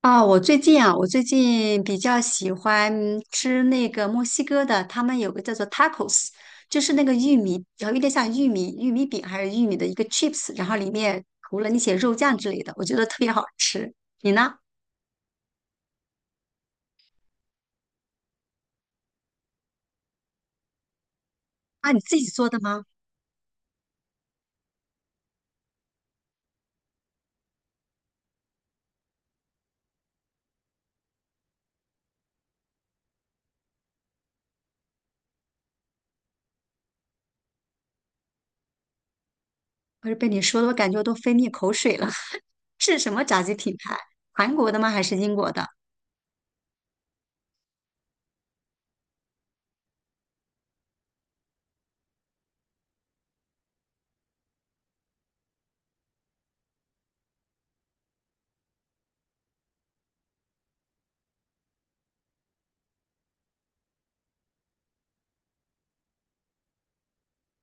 啊，我最近啊，我最近比较喜欢吃那个墨西哥的，他们有个叫做 tacos，就是那个玉米，然后有点像玉米饼还是玉米的一个 chips，然后里面涂了那些肉酱之类的，我觉得特别好吃。你呢？啊，你自己做的吗？不是被你说的，我感觉我都分泌口水了。是什么炸鸡品牌？韩国的吗？还是英国的？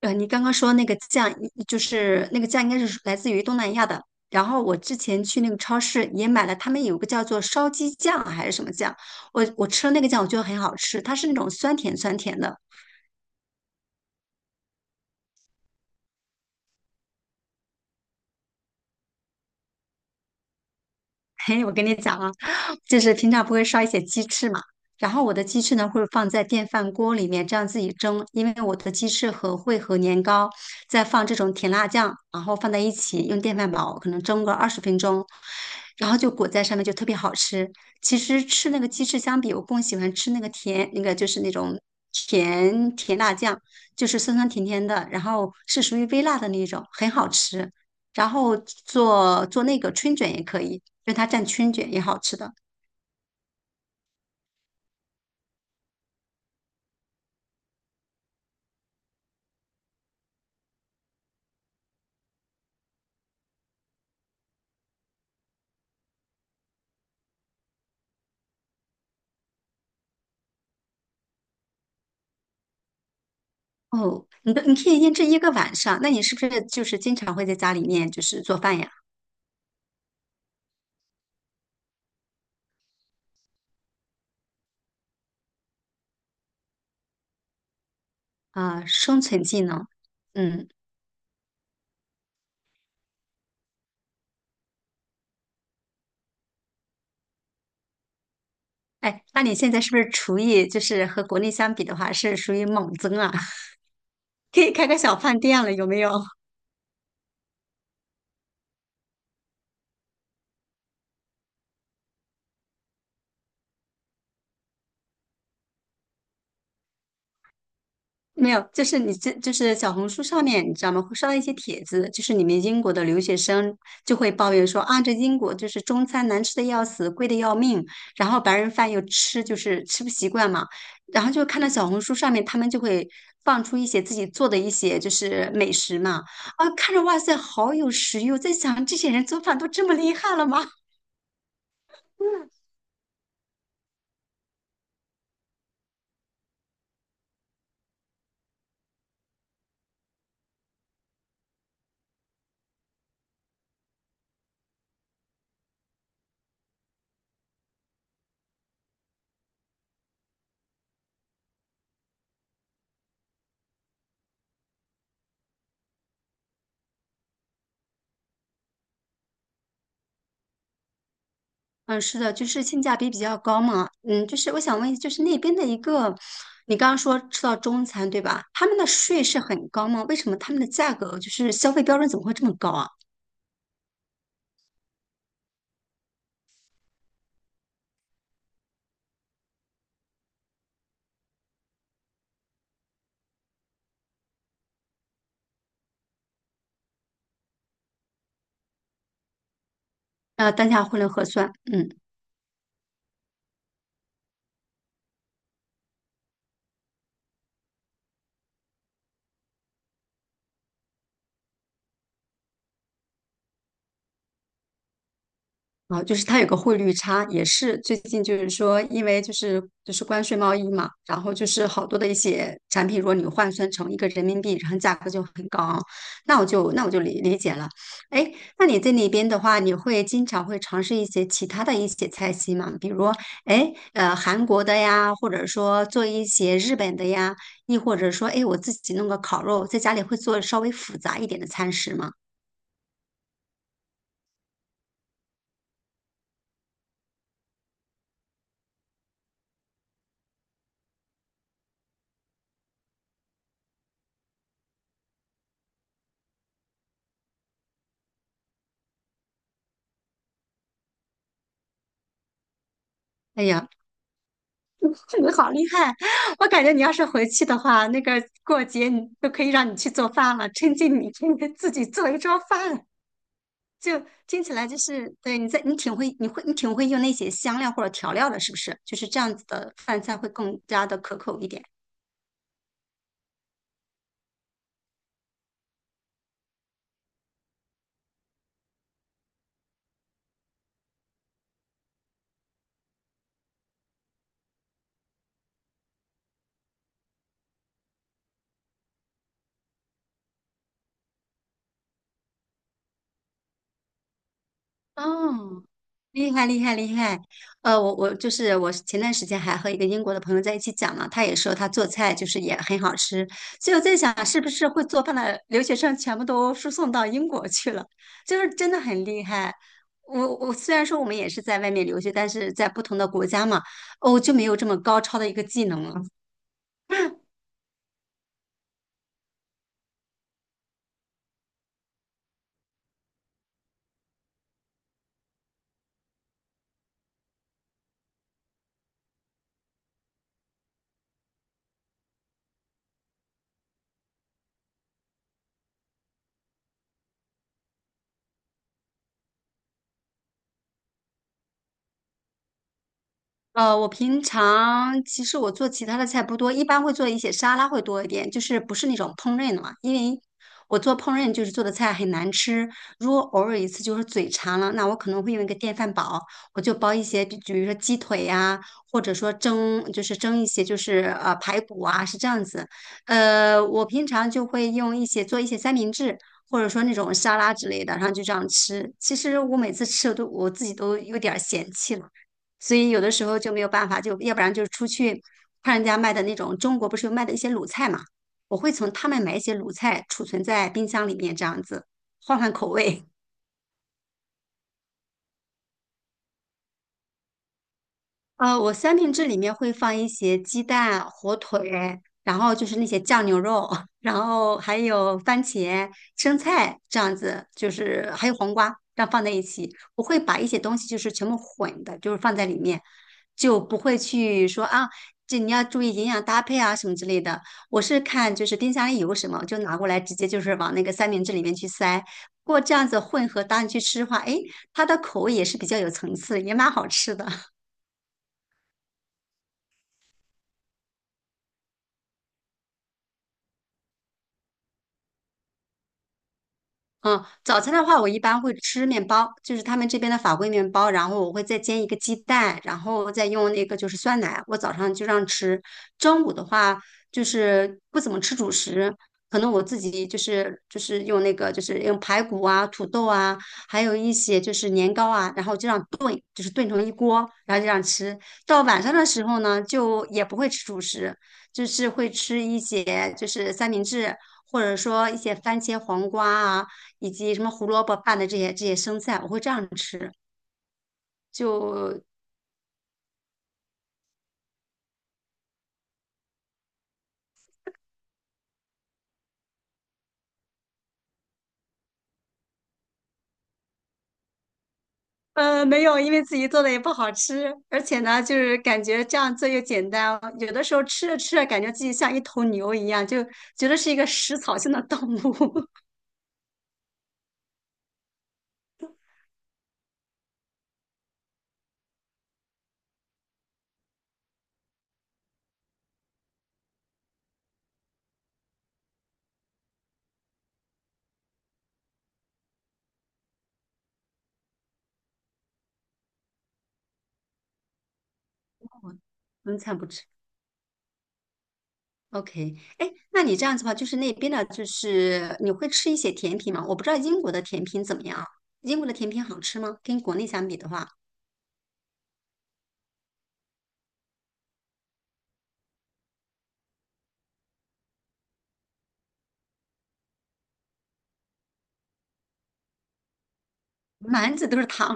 你刚刚说那个酱，就是那个酱应该是来自于东南亚的。然后我之前去那个超市也买了，他们有个叫做烧鸡酱还是什么酱，我吃了那个酱，我觉得很好吃，它是那种酸甜酸甜的。嘿，我跟你讲啊，就是平常不会烧一些鸡翅嘛，然后我的鸡翅呢会放在电饭锅里面这样自己蒸，因为我的鸡翅会和年糕再放这种甜辣酱，然后放在一起用电饭煲可能蒸个20分钟，然后就裹在上面就特别好吃。其实吃那个鸡翅相比，我更喜欢吃那个甜，那个就是那种甜甜辣酱，就是酸酸甜甜的，然后是属于微辣的那种，很好吃。然后做做那个春卷也可以，就它蘸春卷也好吃的。哦，你可以腌制一个晚上，那你是不是就是经常会在家里面就是做饭呀？啊、生存技能，嗯，哎，那你现在是不是厨艺就是和国内相比的话是属于猛增啊？可以开个小饭店了，有没有？没有，就是你这就是小红书上面，你知道吗？会刷到一些帖子，就是你们英国的留学生就会抱怨说啊，这英国就是中餐难吃的要死，贵的要命，然后白人饭又吃就是吃不习惯嘛，然后就看到小红书上面他们就会放出一些自己做的一些就是美食嘛，啊，看着哇塞，好有食欲！我在想，这些人做饭都这么厉害了吗？嗯，是的，就是性价比比较高嘛。嗯，就是我想问，就是那边的一个，你刚刚说吃到中餐对吧？他们的税是很高吗？为什么他们的价格就是消费标准怎么会这么高啊？单价汇率核算，嗯。啊，就是它有个汇率差，也是最近就是说，因为就是关税贸易嘛，然后就是好多的一些产品，如果你换算成一个人民币，然后价格就很高啊，那我就理解了。哎，那你在那边的话，你会经常会尝试一些其他的一些菜系吗？比如，哎，韩国的呀，或者说做一些日本的呀，亦或者说，哎，我自己弄个烤肉，在家里会做稍微复杂一点的餐食吗？哎呀，你好厉害！我感觉你要是回去的话，那个过节你都可以让你去做饭了，趁机你天天自己做一桌饭，就听起来就是你挺会用那些香料或者调料的，是不是？就是这样子的饭菜会更加的可口一点。哦，厉害厉害厉害！我就是我前段时间还和一个英国的朋友在一起讲嘛，他也说他做菜就是也很好吃，所以我在想是不是会做饭的留学生全部都输送到英国去了，就是真的很厉害。我虽然说我们也是在外面留学，但是在不同的国家嘛，哦，就没有这么高超的一个技能了。我平常其实我做其他的菜不多，一般会做一些沙拉会多一点，就是不是那种烹饪的嘛，因为我做烹饪就是做的菜很难吃，如果偶尔一次就是嘴馋了，那我可能会用一个电饭煲，我就煲一些，比如说鸡腿呀、或者说蒸，就是蒸一些就是排骨啊，是这样子。我平常就会用一些做一些三明治。或者说那种沙拉之类的，然后就这样吃。其实我每次吃我自己都有点儿嫌弃了。所以有的时候就没有办法，就要不然就是出去看人家卖的那种，中国不是有卖的一些卤菜嘛，我会从他们买一些卤菜储存在冰箱里面，这样子换换口味。我三明治里面会放一些鸡蛋、火腿，然后就是那些酱牛肉，然后还有番茄、生菜这样子，就是还有黄瓜，这样放在一起。我会把一些东西就是全部混的，就是放在里面，就不会去说啊，这你要注意营养搭配啊什么之类的。我是看就是冰箱里有什么，就拿过来直接就是往那个三明治里面去塞。不过这样子混合搭你去吃的话，诶，它的口味也是比较有层次，也蛮好吃的。嗯，早餐的话，我一般会吃面包，就是他们这边的法棍面包，然后我会再煎一个鸡蛋，然后再用那个就是酸奶，我早上就这样吃。中午的话，就是不怎么吃主食，可能我自己就是用那个就是用排骨啊、土豆啊，还有一些就是年糕啊，然后就这样炖，就是炖成一锅，然后就这样吃。到晚上的时候呢，就也不会吃主食，就是会吃一些就是三明治，或者说一些番茄黄瓜啊。以及什么胡萝卜拌的这些生菜，我会这样吃。就没有，因为自己做的也不好吃，而且呢，就是感觉这样做又简单，有的时候吃着吃着，感觉自己像一头牛一样，就觉得是一个食草性的动物。我荤菜不吃。OK,哎，那你这样子的话，就是那边的，就是你会吃一些甜品吗？我不知道英国的甜品怎么样啊，英国的甜品好吃吗？跟国内相比的话，满嘴都是糖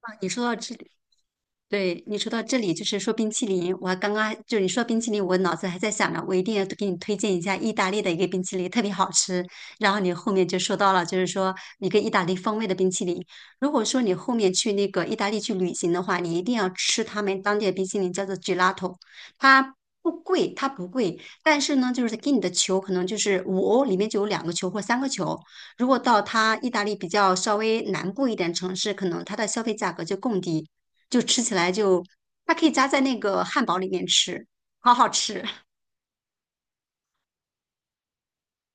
啊。你说到这对你说到这里，就是说冰淇淋，我刚刚就你说冰淇淋，我脑子还在想着，我一定要给你推荐一下意大利的一个冰淇淋，特别好吃。然后你后面就说到了，就是说一个意大利风味的冰淇淋。如果说你后面去那个意大利去旅行的话，你一定要吃他们当地的冰淇淋，叫做 gelato,它不贵，它不贵，但是呢，就是给你的球可能就是5欧，里面就有两个球或三个球。如果到它意大利比较稍微南部一点城市，可能它的消费价格就更低。就吃起来就它可以加在那个汉堡里面吃，好好吃。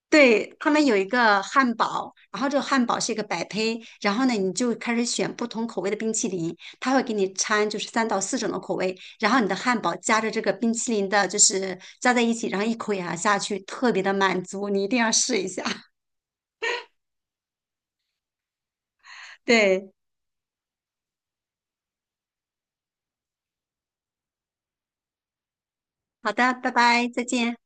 对，他们有一个汉堡，然后这个汉堡是一个百胚，然后呢，你就开始选不同口味的冰淇淋，他会给你掺就是3到4种的口味，然后你的汉堡夹着这个冰淇淋的，就是加在一起，然后一口咬下去，特别的满足，你一定要试一下。对，好的，拜拜，再见。